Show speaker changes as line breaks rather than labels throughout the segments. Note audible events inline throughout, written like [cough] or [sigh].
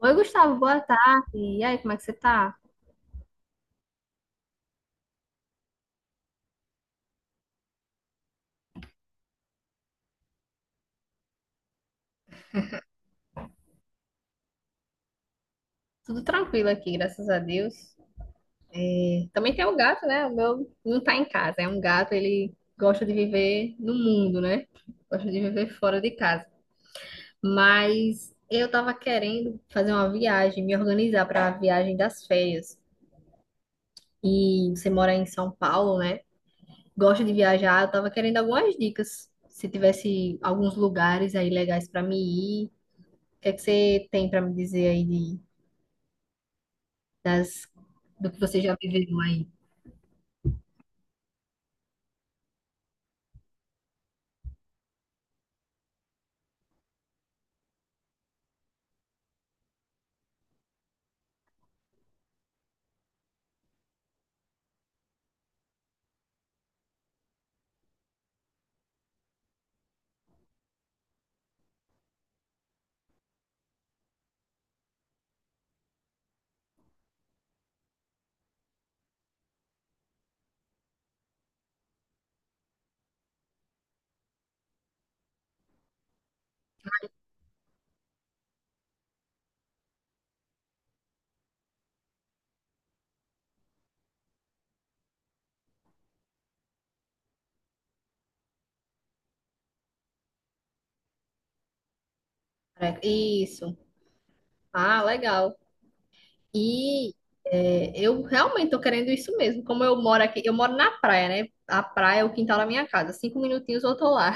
Oi, Gustavo, boa tarde. E aí, como é que você tá? Tudo tranquilo aqui, graças a Deus. Também tem o gato, né? O meu não tá em casa. É um gato, ele gosta de viver no mundo, né? Gosta de viver fora de casa. Mas eu tava querendo fazer uma viagem, me organizar para a viagem das férias. E você mora em São Paulo, né? Gosta de viajar. Eu tava querendo algumas dicas. Se tivesse alguns lugares aí legais para me ir, o que é que você tem para me dizer aí das, do que você já viveu aí. Isso. Ah, legal. E eu realmente tô querendo isso mesmo. Como eu moro aqui, eu moro na praia, né? A praia é o quintal da minha casa. 5 minutinhos eu tô lá.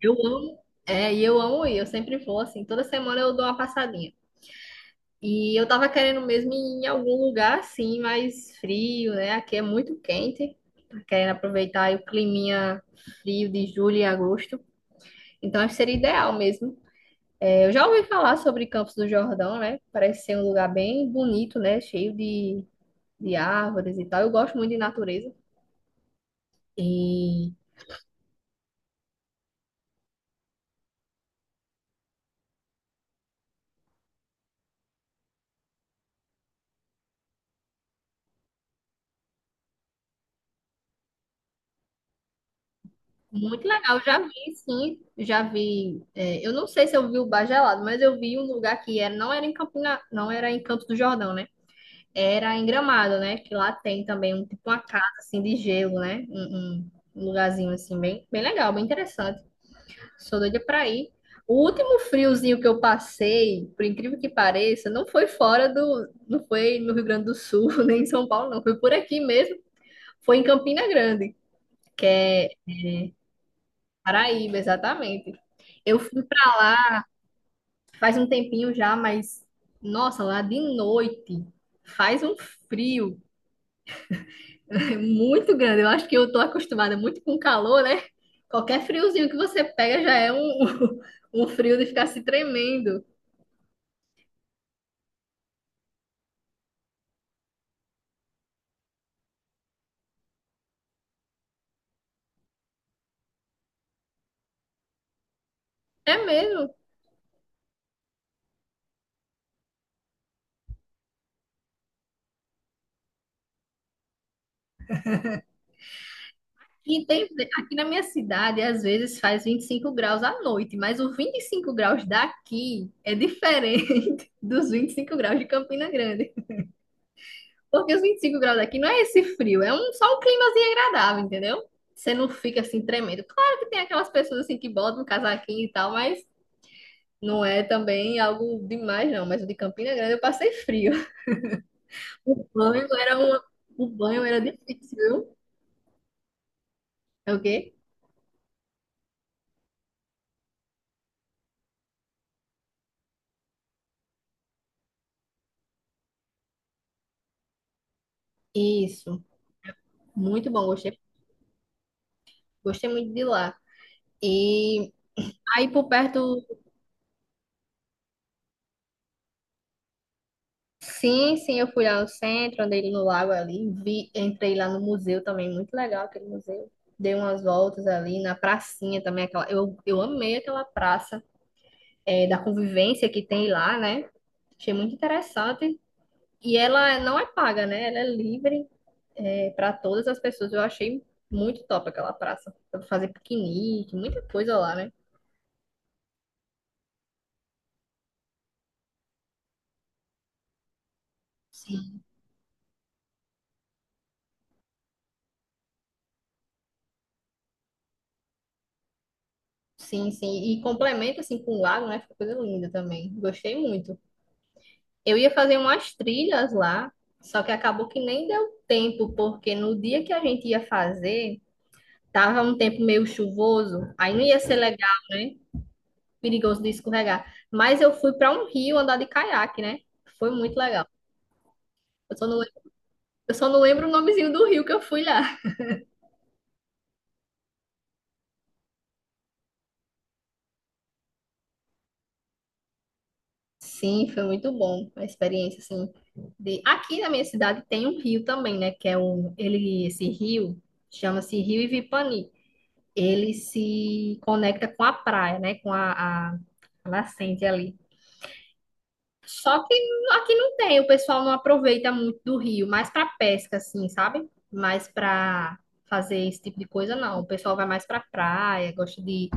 Eu amo, e eu amo ir. Eu sempre vou assim. Toda semana eu dou uma passadinha. E eu tava querendo mesmo ir em algum lugar assim, mais frio, né? Aqui é muito quente. Tá querendo aproveitar aí o climinha frio de julho e agosto. Então acho que seria ideal mesmo. Eu já ouvi falar sobre Campos do Jordão, né? Parece ser um lugar bem bonito, né? De árvores e tal. Eu gosto muito de natureza. E muito legal. Eu já vi, sim. Já vi. Eu não sei se eu vi o Bar Gelado, mas eu vi um lugar que era, não era em Campina, não era em Campos do Jordão, né? Era em Gramado, né? Que lá tem também um tipo uma casa assim de gelo, né? Um lugarzinho assim bem, bem legal, bem interessante. Sou doida pra ir. O último friozinho que eu passei, por incrível que pareça, não foi fora do. Não foi no Rio Grande do Sul, [laughs] nem em São Paulo, não. Foi por aqui mesmo. Foi em Campina Grande, que é. Paraíba, exatamente. Eu fui pra lá faz um tempinho já, mas. Nossa, lá de noite faz um frio [laughs] muito grande. Eu acho que eu tô acostumada muito com calor, né? Qualquer friozinho que você pega já é [laughs] um frio de ficar se tremendo. É mesmo. E tem, aqui na minha cidade, às vezes faz 25 graus à noite, mas os 25 graus daqui é diferente [laughs] dos 25 graus de Campina Grande. Porque os 25 graus daqui não é esse frio, é só um climazinho agradável, entendeu? Você não fica assim tremendo. Claro que tem aquelas pessoas assim que botam um casaquinho e tal, mas não é também algo demais, não. Mas o de Campina Grande eu passei frio. [laughs] O banho era uma, o banho era difícil, viu? É o quê? Isso. Muito bom, gostei, gostei muito de lá. E aí por perto, sim, sim, eu fui lá no centro, andei no lago ali, vi, entrei lá no museu também, muito legal aquele museu. Dei umas voltas ali na pracinha também, eu amei aquela praça da convivência que tem lá, né? Achei muito interessante. E ela não é paga, né? Ela é livre para todas as pessoas. Eu achei muito top aquela praça. Dá pra fazer piquenique, muita coisa lá, né? Sim. Sim, sim. E complementa assim com o lago, né? Fica coisa linda também. Gostei muito. Eu ia fazer umas trilhas lá, só que acabou que nem deu tempo, porque no dia que a gente ia fazer, tava um tempo meio chuvoso, aí não ia ser legal, né? Perigoso de escorregar. Mas eu fui para um rio andar de caiaque, né? Foi muito legal. Eu só não, eu só não lembro o nomezinho do rio que eu fui lá. Sim, foi muito bom a experiência, assim. De... Aqui na minha cidade tem um rio também, né? Que é esse rio chama-se Rio Ivipani. Ele se conecta com a praia, né? Com a a nascente ali. Só que aqui não tem, o pessoal não aproveita muito do rio, mais para pesca, assim, sabe? Mais para fazer esse tipo de coisa, não. O pessoal vai mais para praia,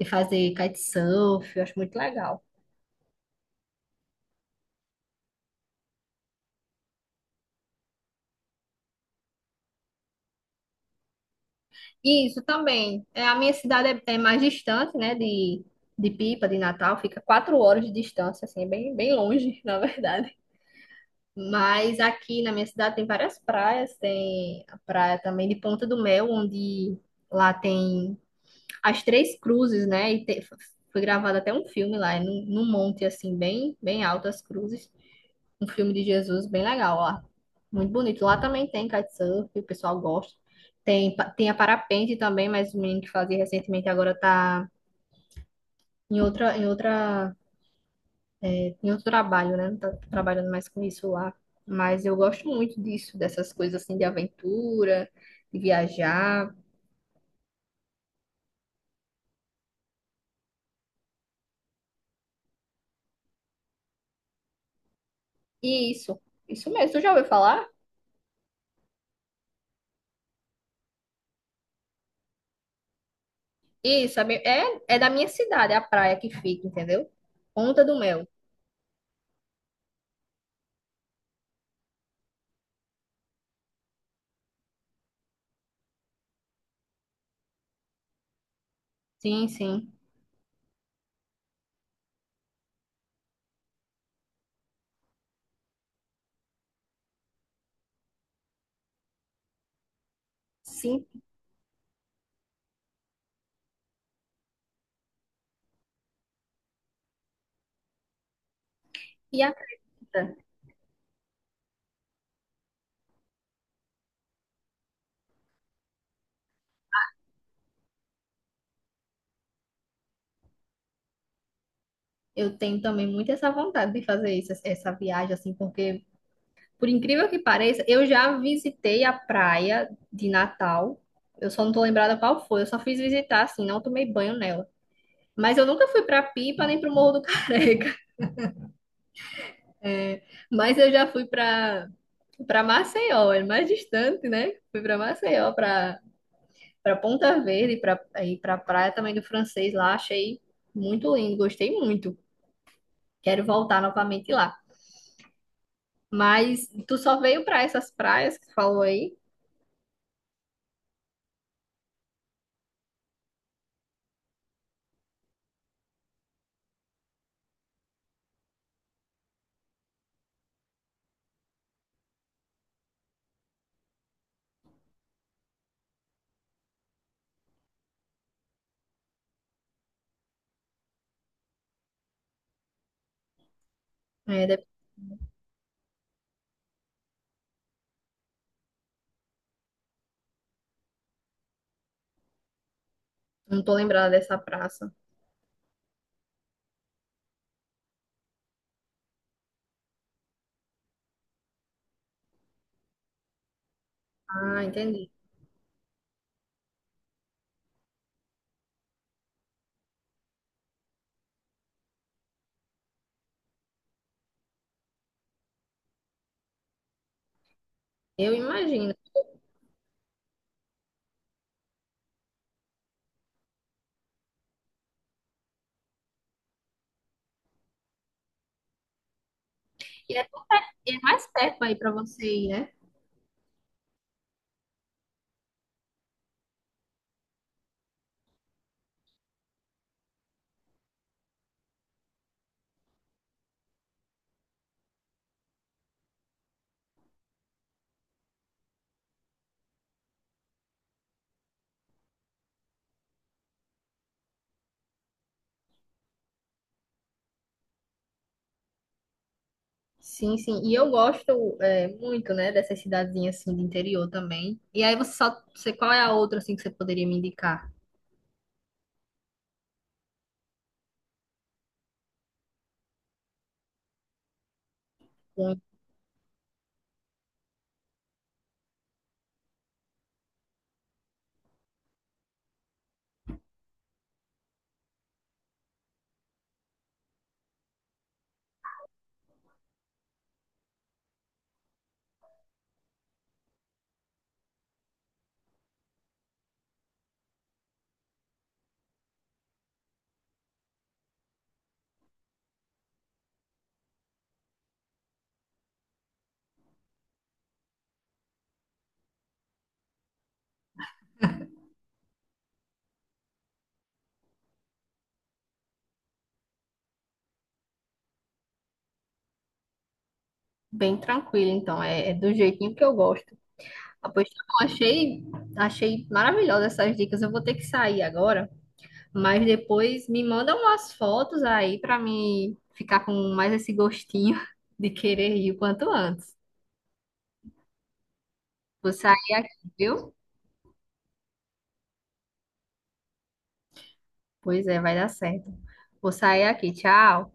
de fazer kitesurf, eu acho muito legal. E isso também. É, a minha cidade é, é mais distante, né? De Pipa, de Natal, fica 4 horas de distância, assim, é bem, bem longe, [laughs] na verdade. Mas aqui na minha cidade tem várias praias, tem a praia também de Ponta do Mel, onde lá tem as Três Cruzes, né? Foi gravado até um filme lá, é num monte assim, bem, bem alto as cruzes. Um filme de Jesus bem legal lá. Muito bonito. Lá também tem kitesurf, o pessoal gosta. Tem a parapente também, mas o menino que fazia recentemente agora tá em outra eu trabalho, né? Não tá trabalhando mais com isso lá. Mas eu gosto muito disso, dessas coisas assim de aventura, de viajar. E isso, isso mesmo. Tu já ouviu falar? Isso, é é da minha cidade, é a praia que fica, entendeu? Ponta do Mel. Sim, sim. Sim, e a canta. Eu tenho também muito essa vontade de fazer isso, essa viagem, assim, porque, por incrível que pareça, eu já visitei a praia de Natal. Eu só não tô lembrada qual foi. Eu só fiz visitar, assim, não tomei banho nela. Mas eu nunca fui para Pipa nem para o Morro do [laughs] Careca. É, mas eu já fui para Maceió, é mais distante, né? Fui para Maceió, para Ponta Verde, para ir para a praia também do Francês lá, achei muito lindo, gostei muito. Quero voltar novamente lá. Mas tu só veio para essas praias que tu falou aí? É, de- não tô lembrada dessa praça. Ah, entendi. Eu imagino. E é mais perto aí para você ir, né? Sim, sim. E eu gosto muito, né, dessas cidadezinhas assim de interior também. E aí você, qual é a outra assim que você poderia me indicar? Bem, bem tranquilo, então é, é do jeitinho que eu gosto. Ah, pois tá bom, achei maravilhosa essas dicas. Eu vou ter que sair agora, mas depois me manda umas fotos aí pra me ficar com mais esse gostinho [laughs] de querer ir o quanto antes. Vou sair aqui, viu? Pois é, vai dar certo. Vou sair aqui. Tchau.